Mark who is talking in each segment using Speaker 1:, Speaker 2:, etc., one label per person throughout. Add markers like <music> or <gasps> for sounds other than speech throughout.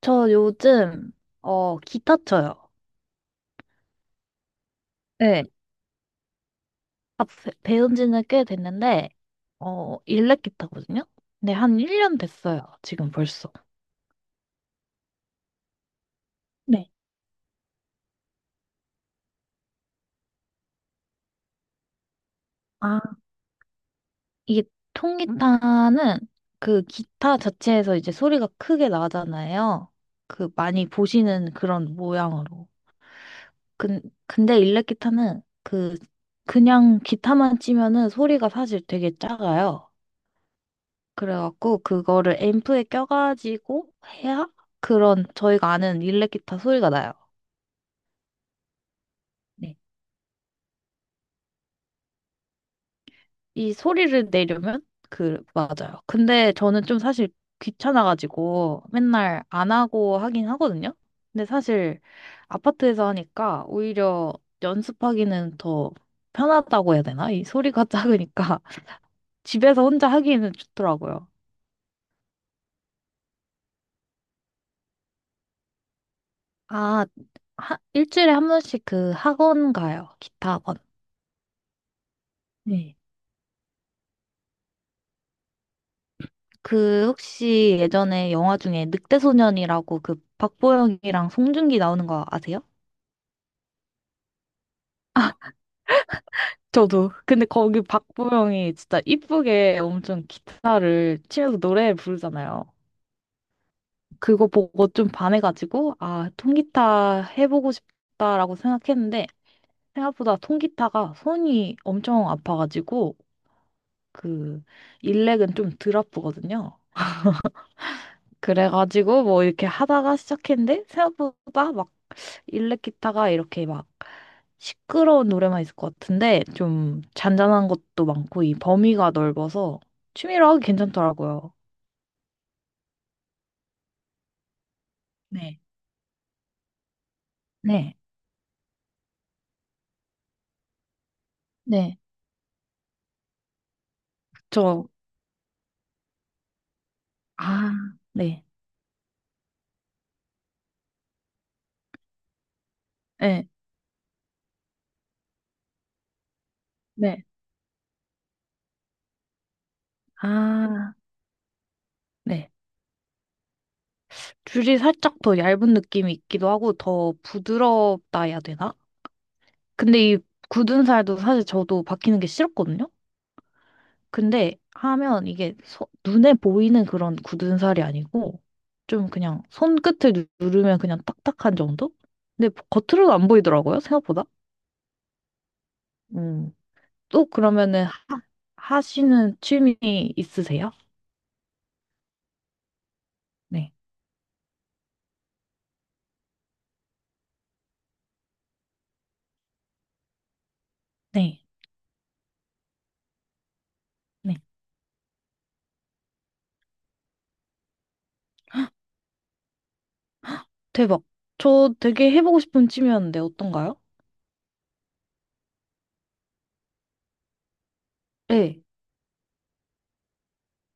Speaker 1: 저 요즘, 기타 쳐요. 네. 아, 배운 지는 꽤 됐는데, 일렉 기타거든요? 근데 한 1년 됐어요. 지금 벌써. 네. 아, 이게 통기타는 그 기타 자체에서 이제 소리가 크게 나잖아요. 그 많이 보시는 그런 모양으로. 근, 근데 일렉 기타는 그냥 기타만 치면은 소리가 사실 되게 작아요. 그래갖고 그거를 앰프에 껴가지고 해야 그런 저희가 아는 일렉 기타 소리가 나요. 네. 이 소리를 내려면 맞아요. 근데 저는 좀 사실 귀찮아가지고 맨날 안 하고 하긴 하거든요. 근데 사실 아파트에서 하니까 오히려 연습하기는 더 편하다고 해야 되나? 이 소리가 작으니까 <laughs> 집에서 혼자 하기에는 좋더라고요. 아, 일주일에 한 번씩 그 학원 가요. 기타 학원. 네. 그 혹시 예전에 영화 중에 늑대소년이라고 그 박보영이랑 송중기 나오는 거 아세요? 저도. 근데 거기 박보영이 진짜 이쁘게 엄청 기타를 치면서 노래 부르잖아요. 그거 보고 좀 반해가지고, 아, 통기타 해보고 싶다라고 생각했는데, 생각보다 통기타가 손이 엄청 아파가지고, 그, 일렉은 좀 덜 아프거든요. 그래가지고 뭐 이렇게 하다가 시작했는데 생각보다 막 일렉 기타가 이렇게 막 시끄러운 노래만 있을 것 같은데 좀 잔잔한 것도 많고 이 범위가 넓어서 취미로 하기 괜찮더라고요. 네, 네, 네. 저, 아, 네, 네, 네. 아, 네. 줄이 살짝 더 얇은 느낌이 있기도 하고 더 부드럽다 해야 되나? 근데 이 굳은 살도 사실 저도 바뀌는 게 싫었거든요. 근데 하면 이게 눈에 보이는 그런 굳은 살이 아니고 좀 그냥 손끝을 누르면 그냥 딱딱한 정도? 근데 겉으로는 안 보이더라고요, 생각보다. 음. 또 그러면은 하시는 취미 있으세요? 네. 네. 네. 대박. 저 되게 해보고 싶은 취미였는데 어떤가요? 네.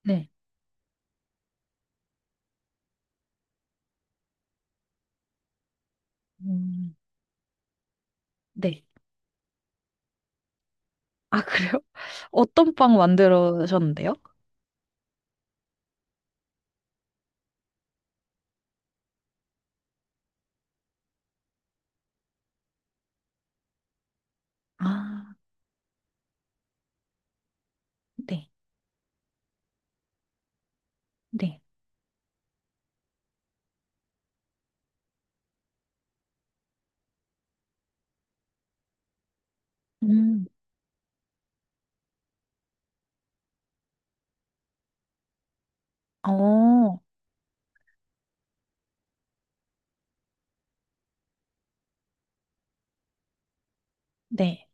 Speaker 1: 네. 음, 네. 아, 그래요? <laughs> 어떤 빵 만들으셨는데요? 아, 네. 네. 음. 어, 네.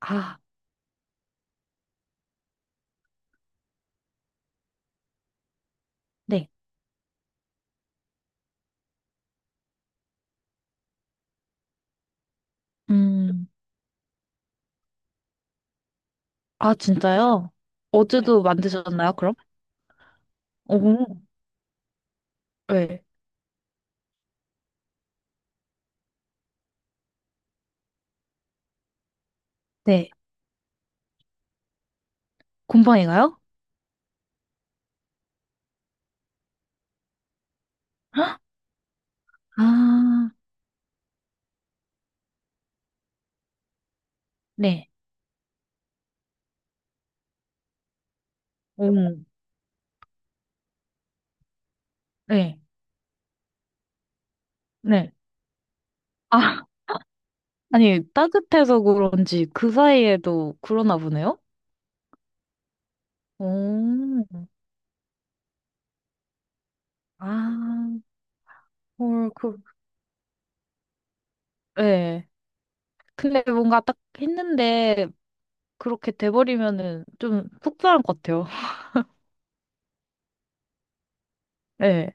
Speaker 1: 아, 네. 음, 아, 진짜요? 네. 어제도 만드셨나요, 그럼? 오, 네. 네. 곰팡이가요? 아, 네. 오, 네, 네. 아, <laughs> 아니, 따뜻해서 그런지 그 사이에도 그러나 보네요? 오, 아, 헐, 네. 근데 뭔가 딱 했는데 그렇게 돼버리면은 좀 속상할 것 같아요. <laughs> 네.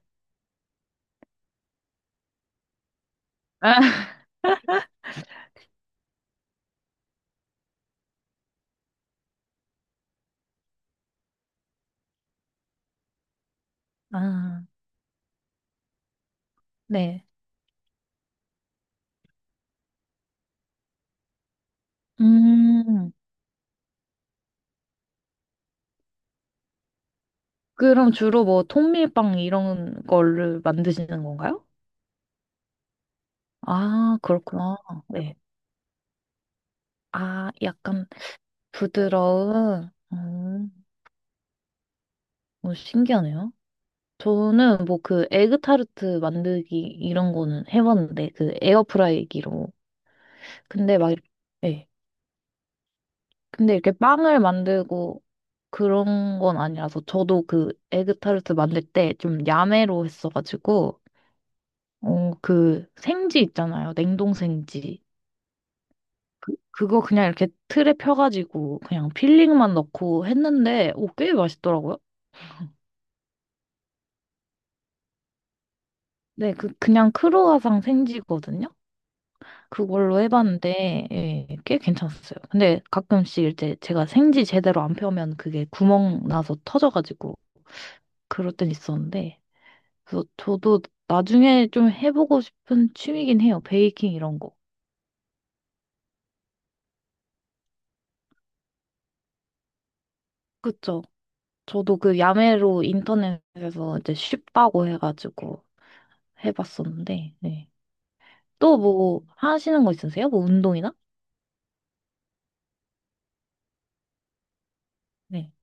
Speaker 1: 아, 네. 음. 그럼 주로 뭐 통밀빵 이런 거를 만드시는 건가요? 아, 그렇구나. 네. 아, 약간 부드러운. 신기하네요. 저는 뭐 그 에그타르트 만들기 이런 거는 해봤는데 그 에어프라이기로. 근데 막, 네. 근데 이렇게 빵을 만들고 그런 건 아니라서 저도 그 에그타르트 만들 때 좀 야매로 했어가지고 그 생지 있잖아요. 냉동 생지. 그거 그냥 이렇게 틀에 펴가지고 그냥 필링만 넣고 했는데 오, 꽤 맛있더라고요. 네, 그냥 크루아상 생지거든요. 그걸로 해봤는데 예, 꽤 괜찮았어요. 근데 가끔씩 이제 제가 생지 제대로 안 펴면 그게 구멍 나서 터져가지고 그럴 땐 있었는데 그래서 저도 나중에 좀 해보고 싶은 취미긴 해요. 베이킹 이런 거. 그쵸. 저도 그 야매로 인터넷에서 이제 쉽다고 해가지고 해봤었는데 네. 또 뭐 하시는 거 있으세요? 뭐 운동이나? 네.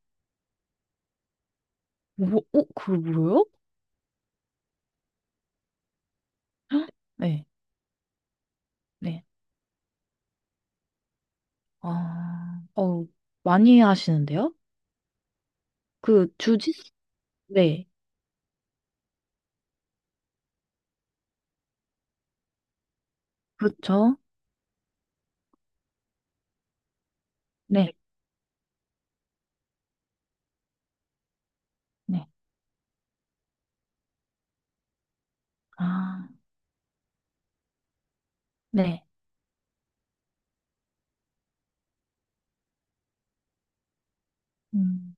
Speaker 1: 뭐, 그거 뭐예요? 헉? <gasps> 네, 네. 아, 많이 하시는데요? 그 주짓수? 네, 그렇죠. 네, 네. 아, 네. 음,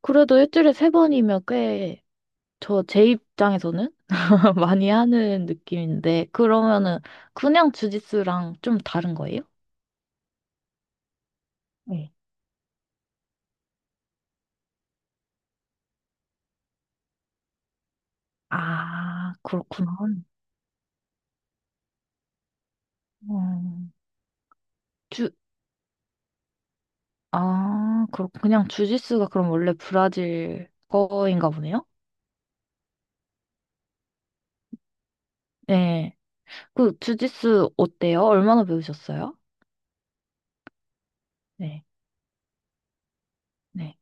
Speaker 1: 그래도 일주일에 세 번이면 꽤, 저 제 입장에서는 <laughs> 많이 하는 느낌인데, 그러면은 그냥 주짓수랑 좀 다른 거예요? 네. 아, 그렇구나. 음, 주, 아, 그렇 그냥 주짓수가 그럼 원래 브라질 거인가 보네요? 네. 주짓수 어때요? 얼마나 배우셨어요? 네. 네.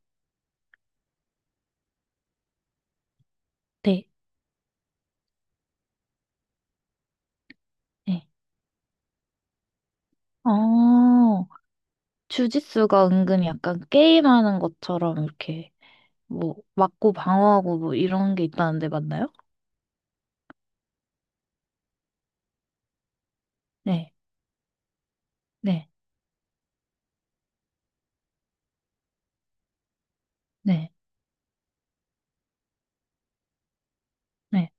Speaker 1: 네. 네. 어, 주짓수가 은근히 약간 게임하는 것처럼 이렇게 뭐 맞고 방어하고 뭐 이런 게 있다는데 맞나요? 네. 네. 네. 네.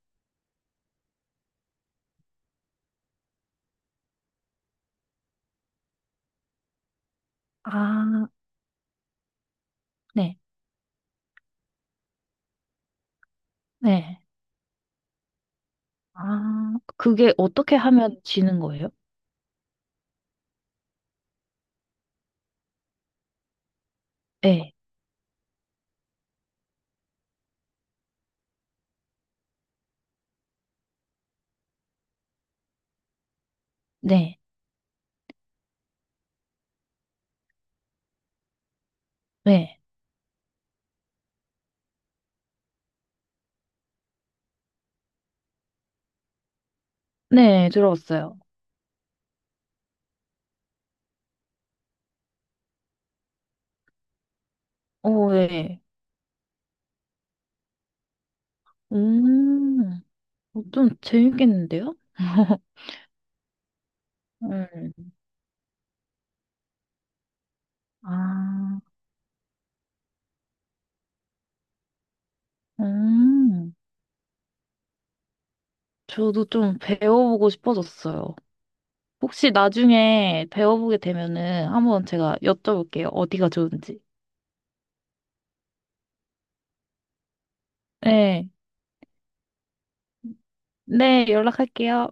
Speaker 1: 아, 네. 네. 아, 그게 어떻게 하면 지는 거예요? 네. 네. 네. 네. 들어봤어요. 오, 네. 음, 좀 재밌겠는데요? 음. 아, 음, 저도 좀 배워보고 싶어졌어요. 혹시 나중에 배워보게 되면은 한번 제가 여쭤볼게요. 어디가 좋은지. 네, 네, 연락할게요.